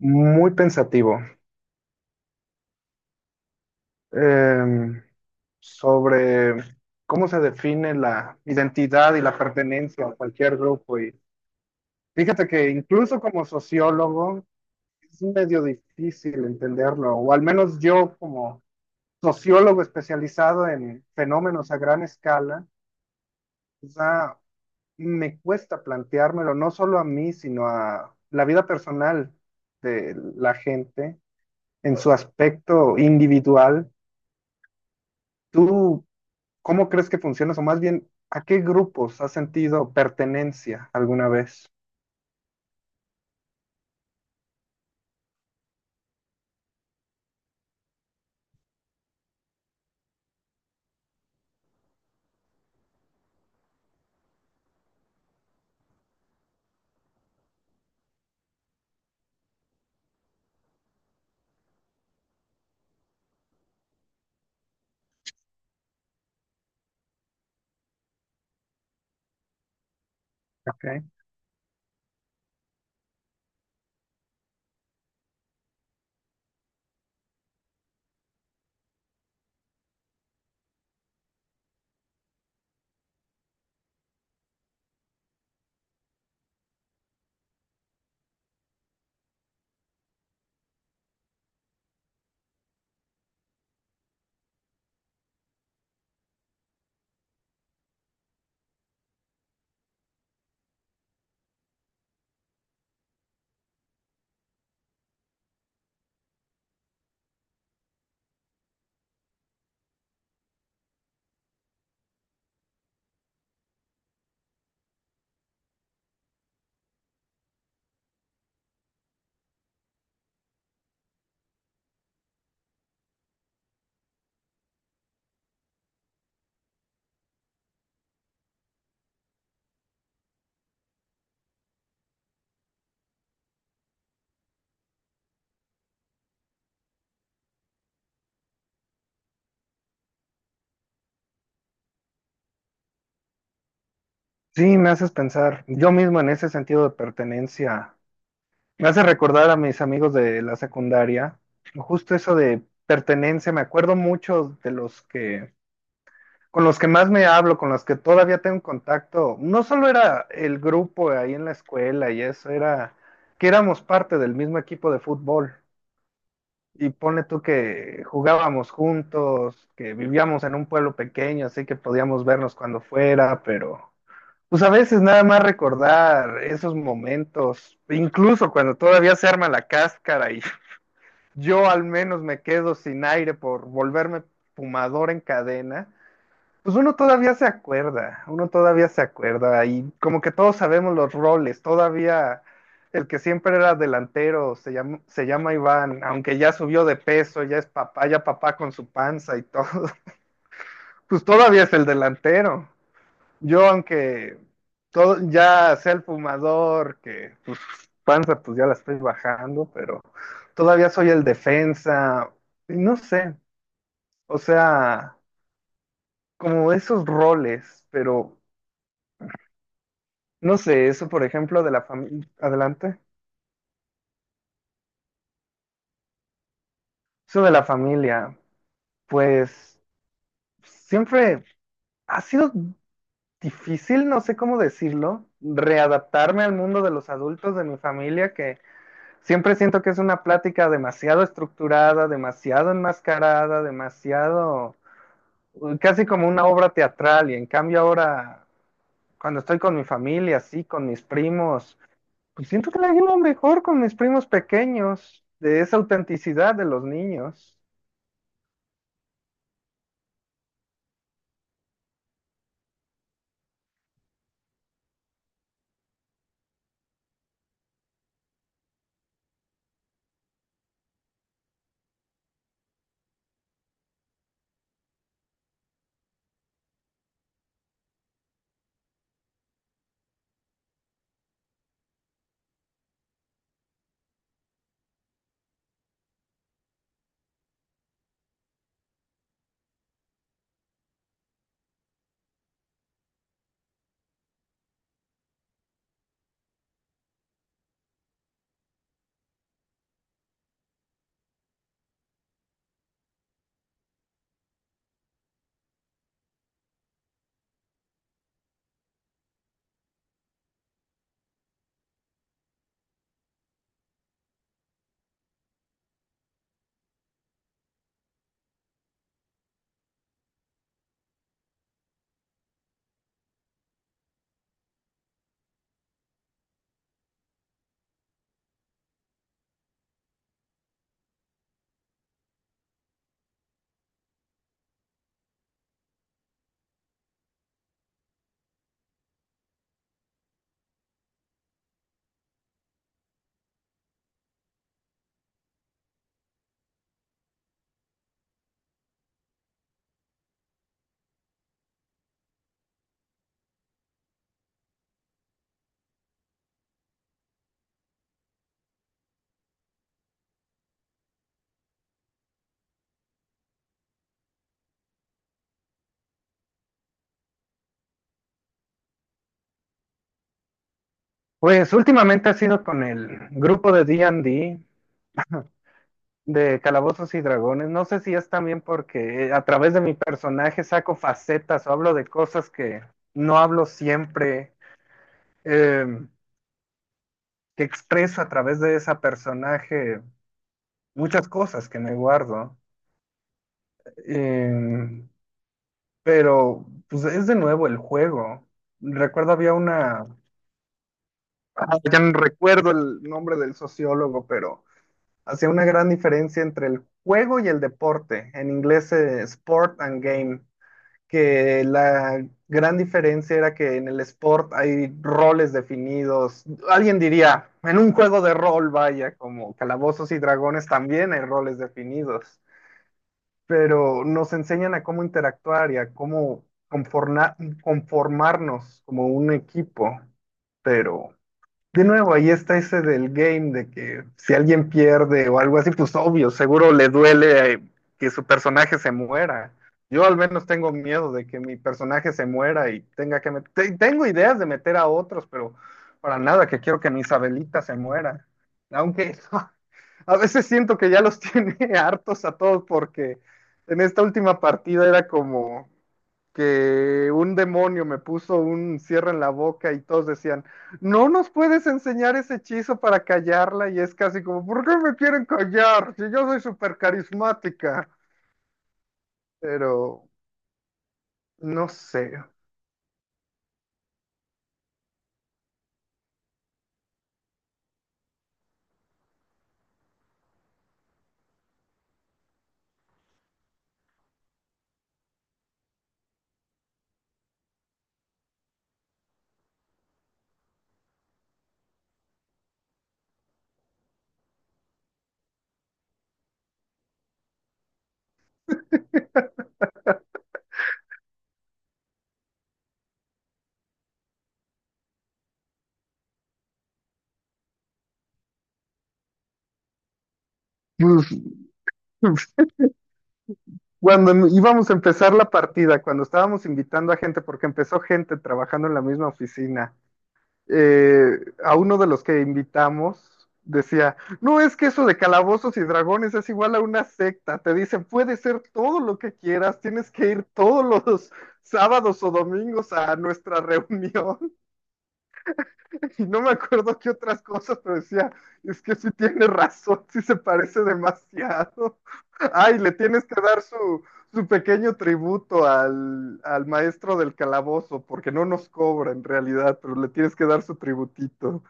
Muy pensativo, em, sobre cómo se define la identidad y la pertenencia a cualquier grupo. Y fíjate que incluso como sociólogo es medio difícil entenderlo, o al menos yo como sociólogo especializado en fenómenos a gran escala, quizá me cuesta planteármelo no solo a mí, sino a la vida personal de la gente en su aspecto individual. ¿Tú ¿Cómo crees que funciona eso? Más bien, ¿a qué grupos has sentido pertenencia alguna vez? Ok. Sí, me haces pensar yo mismo en ese sentido de pertenencia. Me hace recordar a mis amigos de la secundaria. Justo eso de pertenencia, me acuerdo mucho de los que, con los que más me hablo, con los que todavía tengo contacto. No solo era el grupo ahí en la escuela y eso, era que éramos parte del mismo equipo de fútbol. Y pone tú que jugábamos juntos, que vivíamos en un pueblo pequeño, así que podíamos vernos cuando fuera, pero pues a veces nada más recordar esos momentos, incluso cuando todavía se arma la cáscara y yo al menos me quedo sin aire por volverme fumador en cadena, pues uno todavía se acuerda, uno todavía se acuerda y como que todos sabemos los roles, todavía el que siempre era delantero se llama Iván, aunque ya subió de peso, ya es papá, ya papá con su panza y todo, pues todavía es el delantero. Yo aunque todo, ya sea el fumador, que pues panza pues ya la estoy bajando, pero todavía soy el defensa, y no sé, o sea, como esos roles, pero no sé, eso por ejemplo de la familia, adelante, eso de la familia, pues siempre ha sido difícil, no sé cómo decirlo, readaptarme al mundo de los adultos de mi familia, que siempre siento que es una plática demasiado estructurada, demasiado enmascarada, demasiado, casi como una obra teatral, y en cambio ahora, cuando estoy con mi familia, sí, con mis primos. Pues siento que la llevo mejor con mis primos pequeños, de esa autenticidad de los niños. Pues últimamente ha sido con el grupo de D&D, de Calabozos y Dragones. No sé si es también porque a través de mi personaje saco facetas o hablo de cosas que no hablo siempre, eh, que expreso a través de ese personaje muchas cosas que me guardo. Eh, pero pues es de nuevo el juego. Recuerdo había una Ah, ya no recuerdo el nombre del sociólogo, pero hacía una gran diferencia entre el juego y el deporte, en inglés sport and game, que la gran diferencia era que en el sport hay roles definidos, alguien diría, en un juego de rol, vaya, como Calabozos y Dragones también hay roles definidos, pero nos enseñan a cómo interactuar y a cómo conformarnos como un equipo, pero de nuevo, ahí está ese del game de que si alguien pierde o algo así, pues obvio, seguro le duele que su personaje se muera. Yo al menos tengo miedo de que mi personaje se muera y tenga que meter... Tengo ideas de meter a otros, pero para nada que quiero que mi Isabelita se muera. Aunque a veces siento que ya los tiene hartos a todos porque en esta última partida era como que un demonio me puso un cierre en la boca y todos decían no nos puedes enseñar ese hechizo para callarla y es casi como, ¿por qué me quieren callar? Si yo soy súper carismática. Pero, no sé. Pues, cuando íbamos a empezar la partida, cuando estábamos invitando a gente, porque empezó gente trabajando en la misma oficina, eh, a uno de los que invitamos decía, no, es que eso de calabozos y dragones es igual a una secta, te dicen, puede ser todo lo que quieras, tienes que ir todos los sábados o domingos a nuestra reunión. Y no me acuerdo qué otras cosas, pero decía, es que sí tiene razón, sí se parece demasiado. Ay, le tienes que dar su pequeño tributo al maestro del calabozo, porque no nos cobra en realidad, pero le tienes que dar su tributito.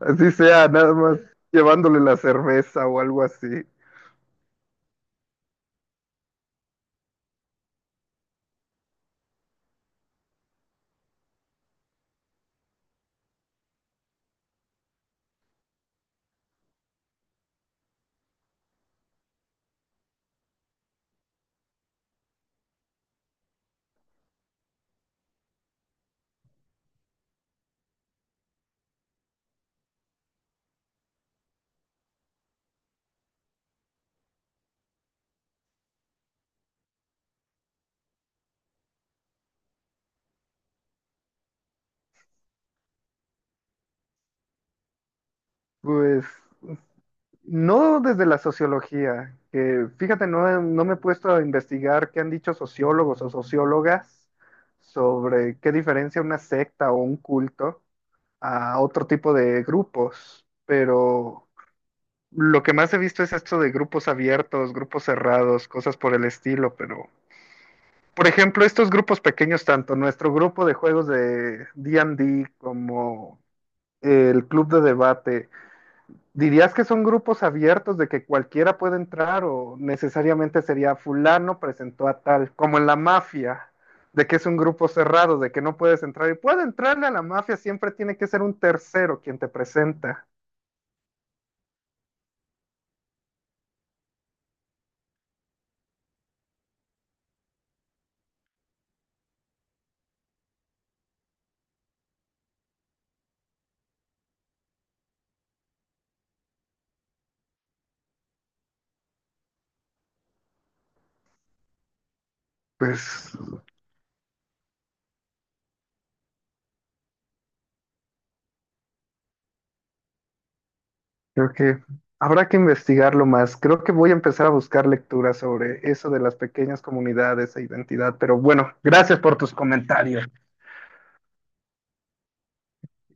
Así sea, nada más llevándole la cerveza o algo así. Pues no desde la sociología, que fíjate, no, no me he puesto a investigar qué han dicho sociólogos o sociólogas sobre qué diferencia una secta o un culto a otro tipo de grupos, pero lo que más he visto es esto de grupos abiertos, grupos cerrados, cosas por el estilo, pero... Por ejemplo, estos grupos pequeños, tanto nuestro grupo de juegos de D&D como el club de debate, ¿dirías que son grupos abiertos de que cualquiera puede entrar o necesariamente sería fulano presentó a tal, como en la mafia, de que es un grupo cerrado, de que no puedes entrar y puede entrarle a la mafia, siempre tiene que ser un tercero quien te presenta? Pues creo que habrá que investigarlo más. Creo que voy a empezar a buscar lecturas sobre eso de las pequeñas comunidades e identidad, pero bueno, gracias por tus comentarios.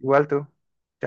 Igual tú. Chao.